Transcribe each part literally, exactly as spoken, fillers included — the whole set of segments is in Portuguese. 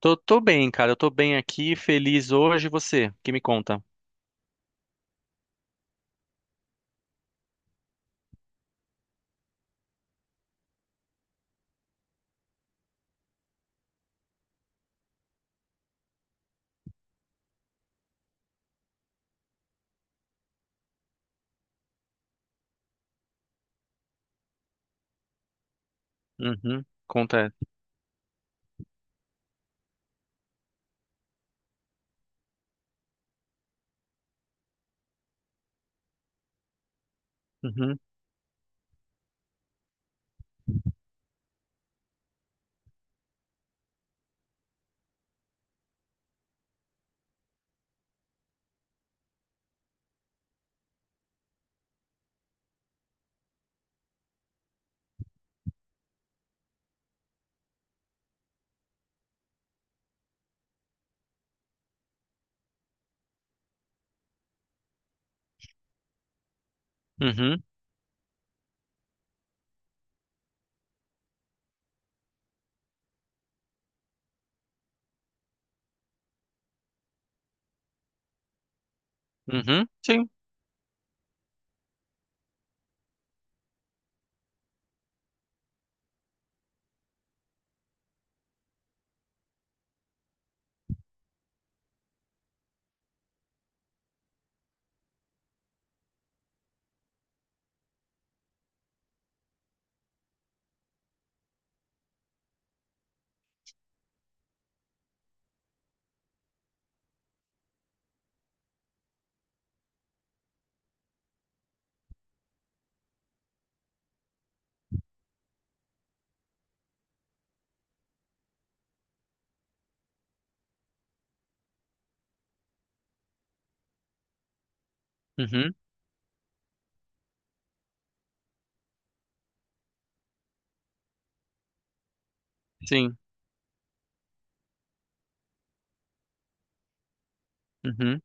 Tô, tô bem, cara. Eu tô bem aqui, feliz hoje. E Você, que me conta? Uhum, conta. É. Uhum, uhum, uhum, sim. Uhum, sim. Uhum,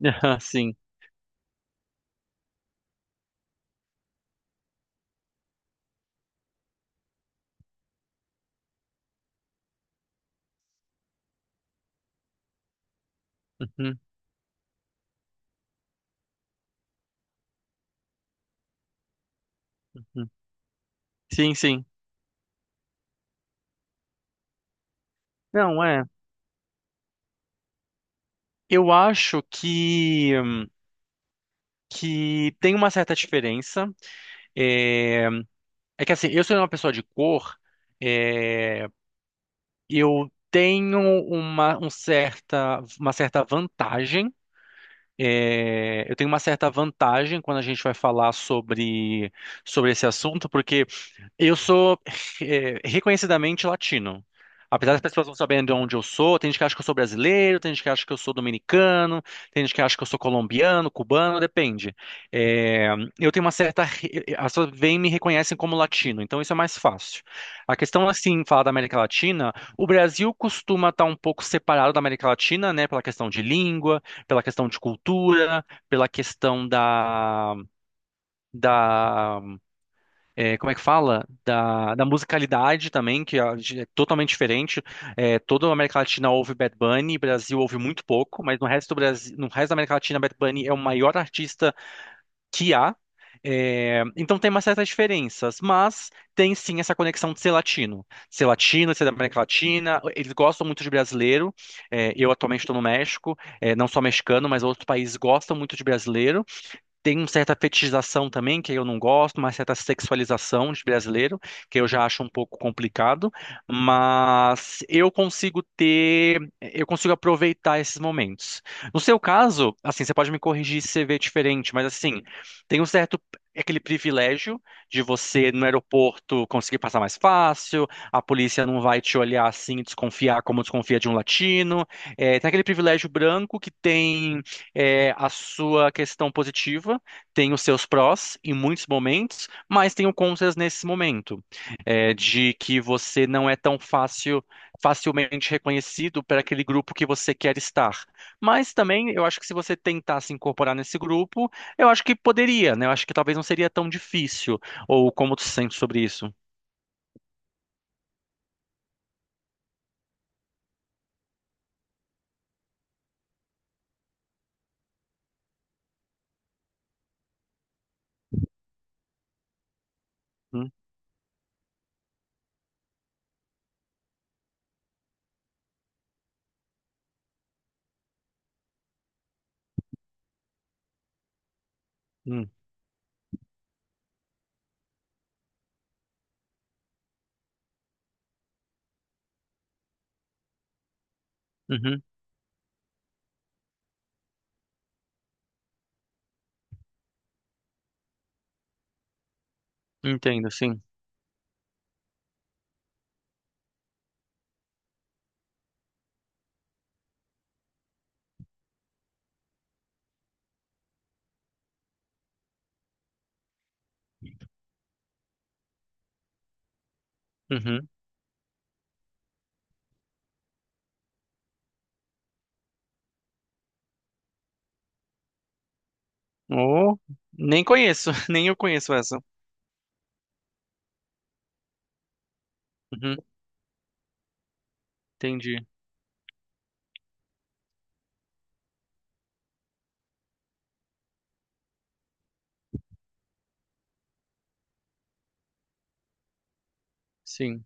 aham, sim. Uhum, uhum. Sim, sim. Não, é. Eu acho que que tem uma certa diferença. É, é que assim, eu sou uma pessoa de cor. É, eu tenho uma, um certa, uma certa vantagem. É, eu tenho uma certa vantagem quando a gente vai falar sobre, sobre esse assunto, porque eu sou eh, reconhecidamente latino. Apesar das pessoas não saberem de onde eu sou, tem gente que acha que eu sou brasileiro, tem gente que acha que eu sou dominicano, tem gente que acha que eu sou colombiano, cubano, depende. Eh, eu tenho uma certa. Re- As pessoas vêm e me reconhecem como latino, então isso é mais fácil. A questão, assim, falar da América Latina, o Brasil costuma estar um pouco separado da América Latina, né, pela questão de língua, pela questão de cultura, pela questão da, da é, como é que fala? Da, da musicalidade também, que a é totalmente diferente. É, toda a América Latina ouve Bad Bunny, Brasil ouve muito pouco, mas no resto do Brasil, no resto da América Latina, Bad Bunny é o maior artista que há. É, então tem umas certas diferenças, mas tem sim essa conexão de ser latino. Ser latino, ser da América Latina, eles gostam muito de brasileiro. É, eu atualmente estou no México, é, não só mexicano, mas outros países gostam muito de brasileiro. Tem uma certa fetichização também, que eu não gosto, uma certa sexualização de brasileiro, que eu já acho um pouco complicado, mas eu consigo ter, eu consigo aproveitar esses momentos. No seu caso, assim, você pode me corrigir se você vê diferente, mas assim, tem um certo aquele privilégio de você no aeroporto conseguir passar mais fácil, a polícia não vai te olhar assim e desconfiar como desconfia de um latino. É, tem aquele privilégio branco que tem, é, a sua questão positiva, tem os seus prós em muitos momentos, mas tem o contras nesse momento, é, de que você não é tão fácil, facilmente reconhecido para aquele grupo que você quer estar. Mas também eu acho que se você tentar se incorporar nesse grupo, eu acho que poderia, né? Eu acho que talvez não seria tão difícil. Ou como tu se sente sobre isso? Hum, hum, uhum, entendo, sim. Uhum. Oh, nem conheço, nem eu conheço essa. Uhum, entendi. Sim.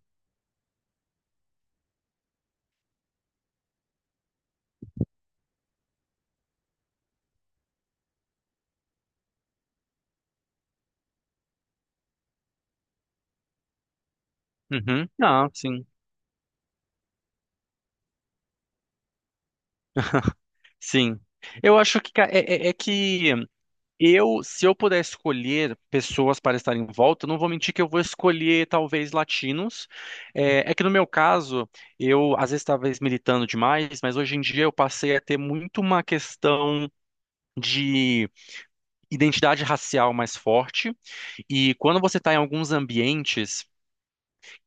Uhum. Não, sim. Sim. Eu acho que ca- é, é- é que eu, se eu puder escolher pessoas para estar em volta, eu não vou mentir que eu vou escolher talvez latinos. É, é que no meu caso, eu às vezes talvez militando demais, mas hoje em dia eu passei a ter muito uma questão de identidade racial mais forte. E quando você está em alguns ambientes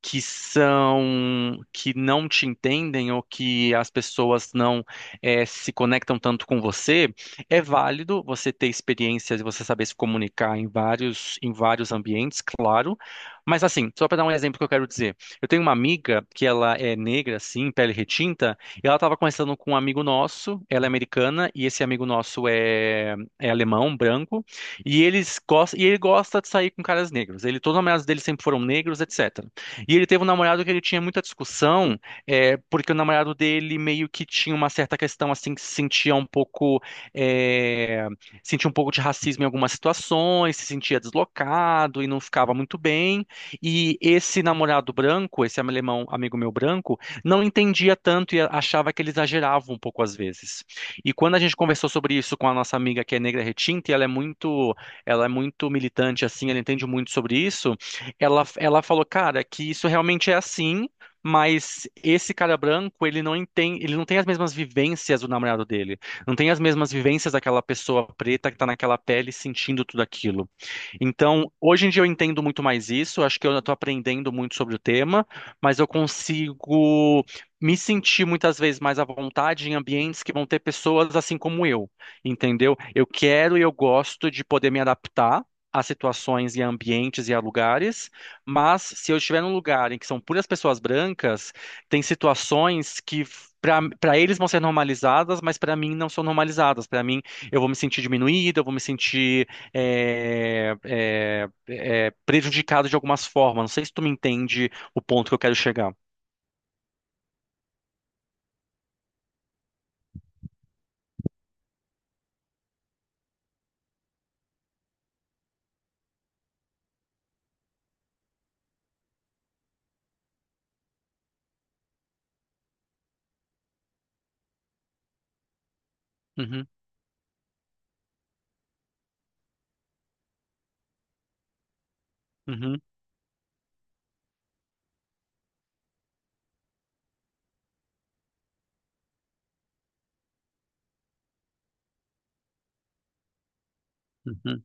que são que não te entendem ou que as pessoas não eh, se conectam tanto com você, é válido você ter experiências e você saber se comunicar em vários em vários ambientes, claro. Mas assim, só para dar um exemplo que eu quero dizer, eu tenho uma amiga que ela é negra, assim, pele retinta, e ela estava conversando com um amigo nosso, ela é americana e esse amigo nosso é, é alemão, branco, e eles gostam, e ele gosta de sair com caras negros. Ele, todos os namorados dele sempre foram negros, et cetera. E ele teve um namorado que ele tinha muita discussão, é, porque o namorado dele meio que tinha uma certa questão assim que se sentia um pouco, é, sentia um pouco de racismo em algumas situações, se sentia deslocado e não ficava muito bem. E esse namorado branco, esse alemão amigo meu branco, não entendia tanto e achava que ele exagerava um pouco às vezes. E quando a gente conversou sobre isso com a nossa amiga que é negra retinta, e ela é muito, ela é muito militante assim, ela entende muito sobre isso. Ela, ela falou, cara, que isso realmente é assim, mas esse cara branco, ele não tem, ele não tem as mesmas vivências do namorado dele. Não tem as mesmas vivências daquela pessoa preta que tá naquela pele sentindo tudo aquilo. Então, hoje em dia eu entendo muito mais isso, acho que eu estou aprendendo muito sobre o tema, mas eu consigo me sentir muitas vezes mais à vontade em ambientes que vão ter pessoas assim como eu, entendeu? Eu quero e eu gosto de poder me adaptar a situações e a ambientes e a lugares, mas se eu estiver num lugar em que são puras pessoas brancas, tem situações que para para eles vão ser normalizadas, mas para mim não são normalizadas. Para mim, eu vou me sentir diminuída, eu vou me sentir é, é, é, prejudicado de algumas formas. Não sei se tu me entende o ponto que eu quero chegar. Uhum, uhum, uhum.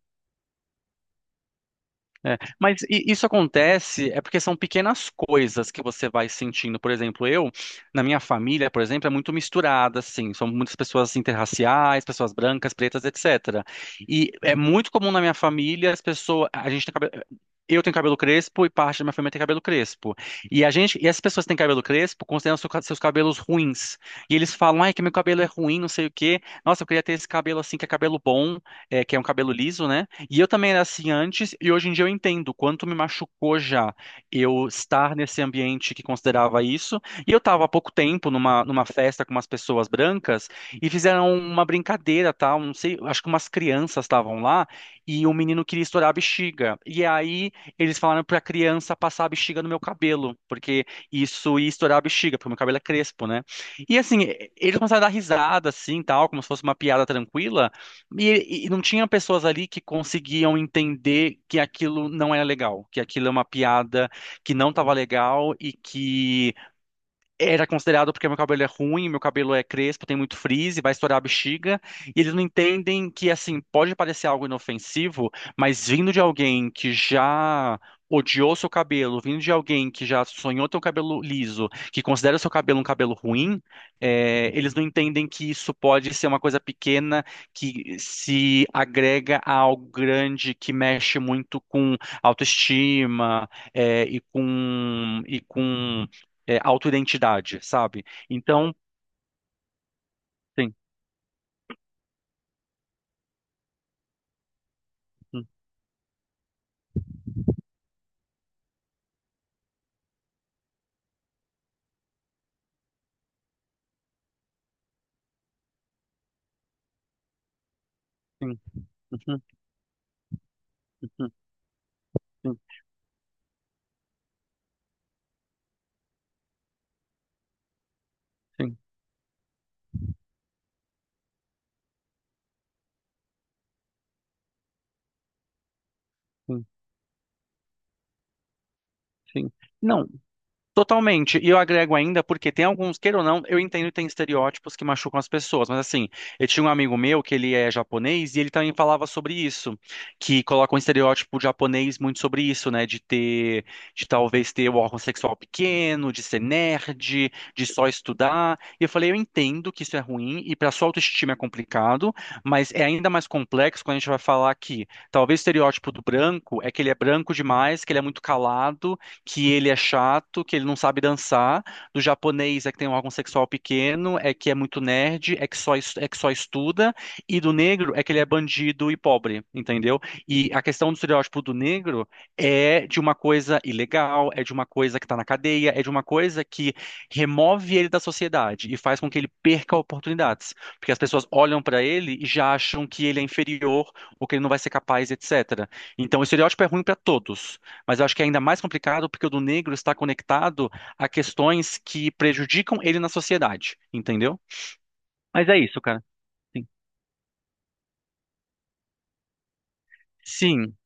É, mas i- isso acontece é porque são pequenas coisas que você vai sentindo. Por exemplo, eu, na minha família, por exemplo, é muito misturada, assim. São muitas pessoas interraciais, pessoas brancas, pretas, et cetera. E é muito comum na minha família as pessoas. A gente tem cabelo. Eu tenho cabelo crespo e parte da minha família tem cabelo crespo. E a gente, e as pessoas que têm cabelo crespo consideram seu ca- seus cabelos ruins. E eles falam, ai, que meu cabelo é ruim, não sei o quê. Nossa, eu queria ter esse cabelo assim, que é cabelo bom, é, que é um cabelo liso, né? E eu também era assim antes, e hoje em dia eu entendo o quanto me machucou já eu estar nesse ambiente que considerava isso. E eu estava há pouco tempo numa, numa festa com umas pessoas brancas e fizeram uma brincadeira, tá? Um, Não sei, acho que umas crianças estavam lá e o menino queria estourar a bexiga. E aí eles falaram para a criança passar a bexiga no meu cabelo, porque isso ia estourar a bexiga, porque meu cabelo é crespo, né? E assim, eles começaram a dar risada assim, tal, como se fosse uma piada tranquila. E, e não tinha pessoas ali que conseguiam entender que aquilo não era legal, que aquilo é uma piada que não estava legal e que era considerado porque meu cabelo é ruim, meu cabelo é crespo, tem muito frizz, vai estourar a bexiga, e eles não entendem que, assim, pode parecer algo inofensivo, mas vindo de alguém que já odiou seu cabelo, vindo de alguém que já sonhou ter um cabelo liso, que considera seu cabelo um cabelo ruim, é, eles não entendem que isso pode ser uma coisa pequena que se agrega a algo grande que mexe muito com autoestima, é, e com, e com é, autoidentidade, sabe? Então, sim, sim, sim, sim, sim, sim, sim. Sim. Não, totalmente. E eu agrego ainda porque tem alguns, queira ou não, eu entendo que tem estereótipos que machucam as pessoas, mas assim, eu tinha um amigo meu que ele é japonês e ele também falava sobre isso, que coloca um estereótipo japonês muito sobre isso, né, de ter, de talvez ter o órgão sexual pequeno, de ser nerd, de só estudar. E eu falei, eu entendo que isso é ruim e para sua autoestima é complicado, mas é ainda mais complexo quando a gente vai falar que talvez o estereótipo do branco é que ele é branco demais, que ele é muito calado, que ele é chato, que ele não sabe dançar. Do japonês é que tem um órgão sexual pequeno, é que é muito nerd, é que só, es- é que só estuda. E do negro é que ele é bandido e pobre, entendeu? E a questão do estereótipo do negro é de uma coisa ilegal, é de uma coisa que está na cadeia, é de uma coisa que remove ele da sociedade e faz com que ele perca oportunidades. Porque as pessoas olham para ele e já acham que ele é inferior ou que ele não vai ser capaz, et cetera. Então, o estereótipo é ruim para todos. Mas eu acho que é ainda mais complicado porque o do negro está conectado a questões que prejudicam ele na sociedade, entendeu? Mas é isso, cara. Sim. Sim,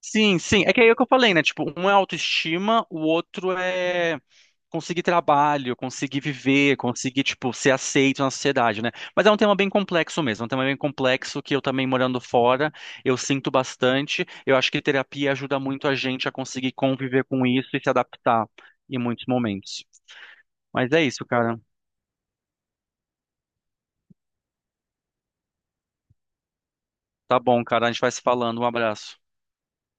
sim, sim. É que é o que eu falei, né? Tipo, um é autoestima, o outro é conseguir trabalho, conseguir viver, conseguir, tipo, ser aceito na sociedade, né? Mas é um tema bem complexo mesmo, é um tema bem complexo que eu também morando fora, eu sinto bastante. Eu acho que terapia ajuda muito a gente a conseguir conviver com isso e se adaptar em muitos momentos. Mas é isso, cara. Tá bom, cara. A gente vai se falando. Um abraço.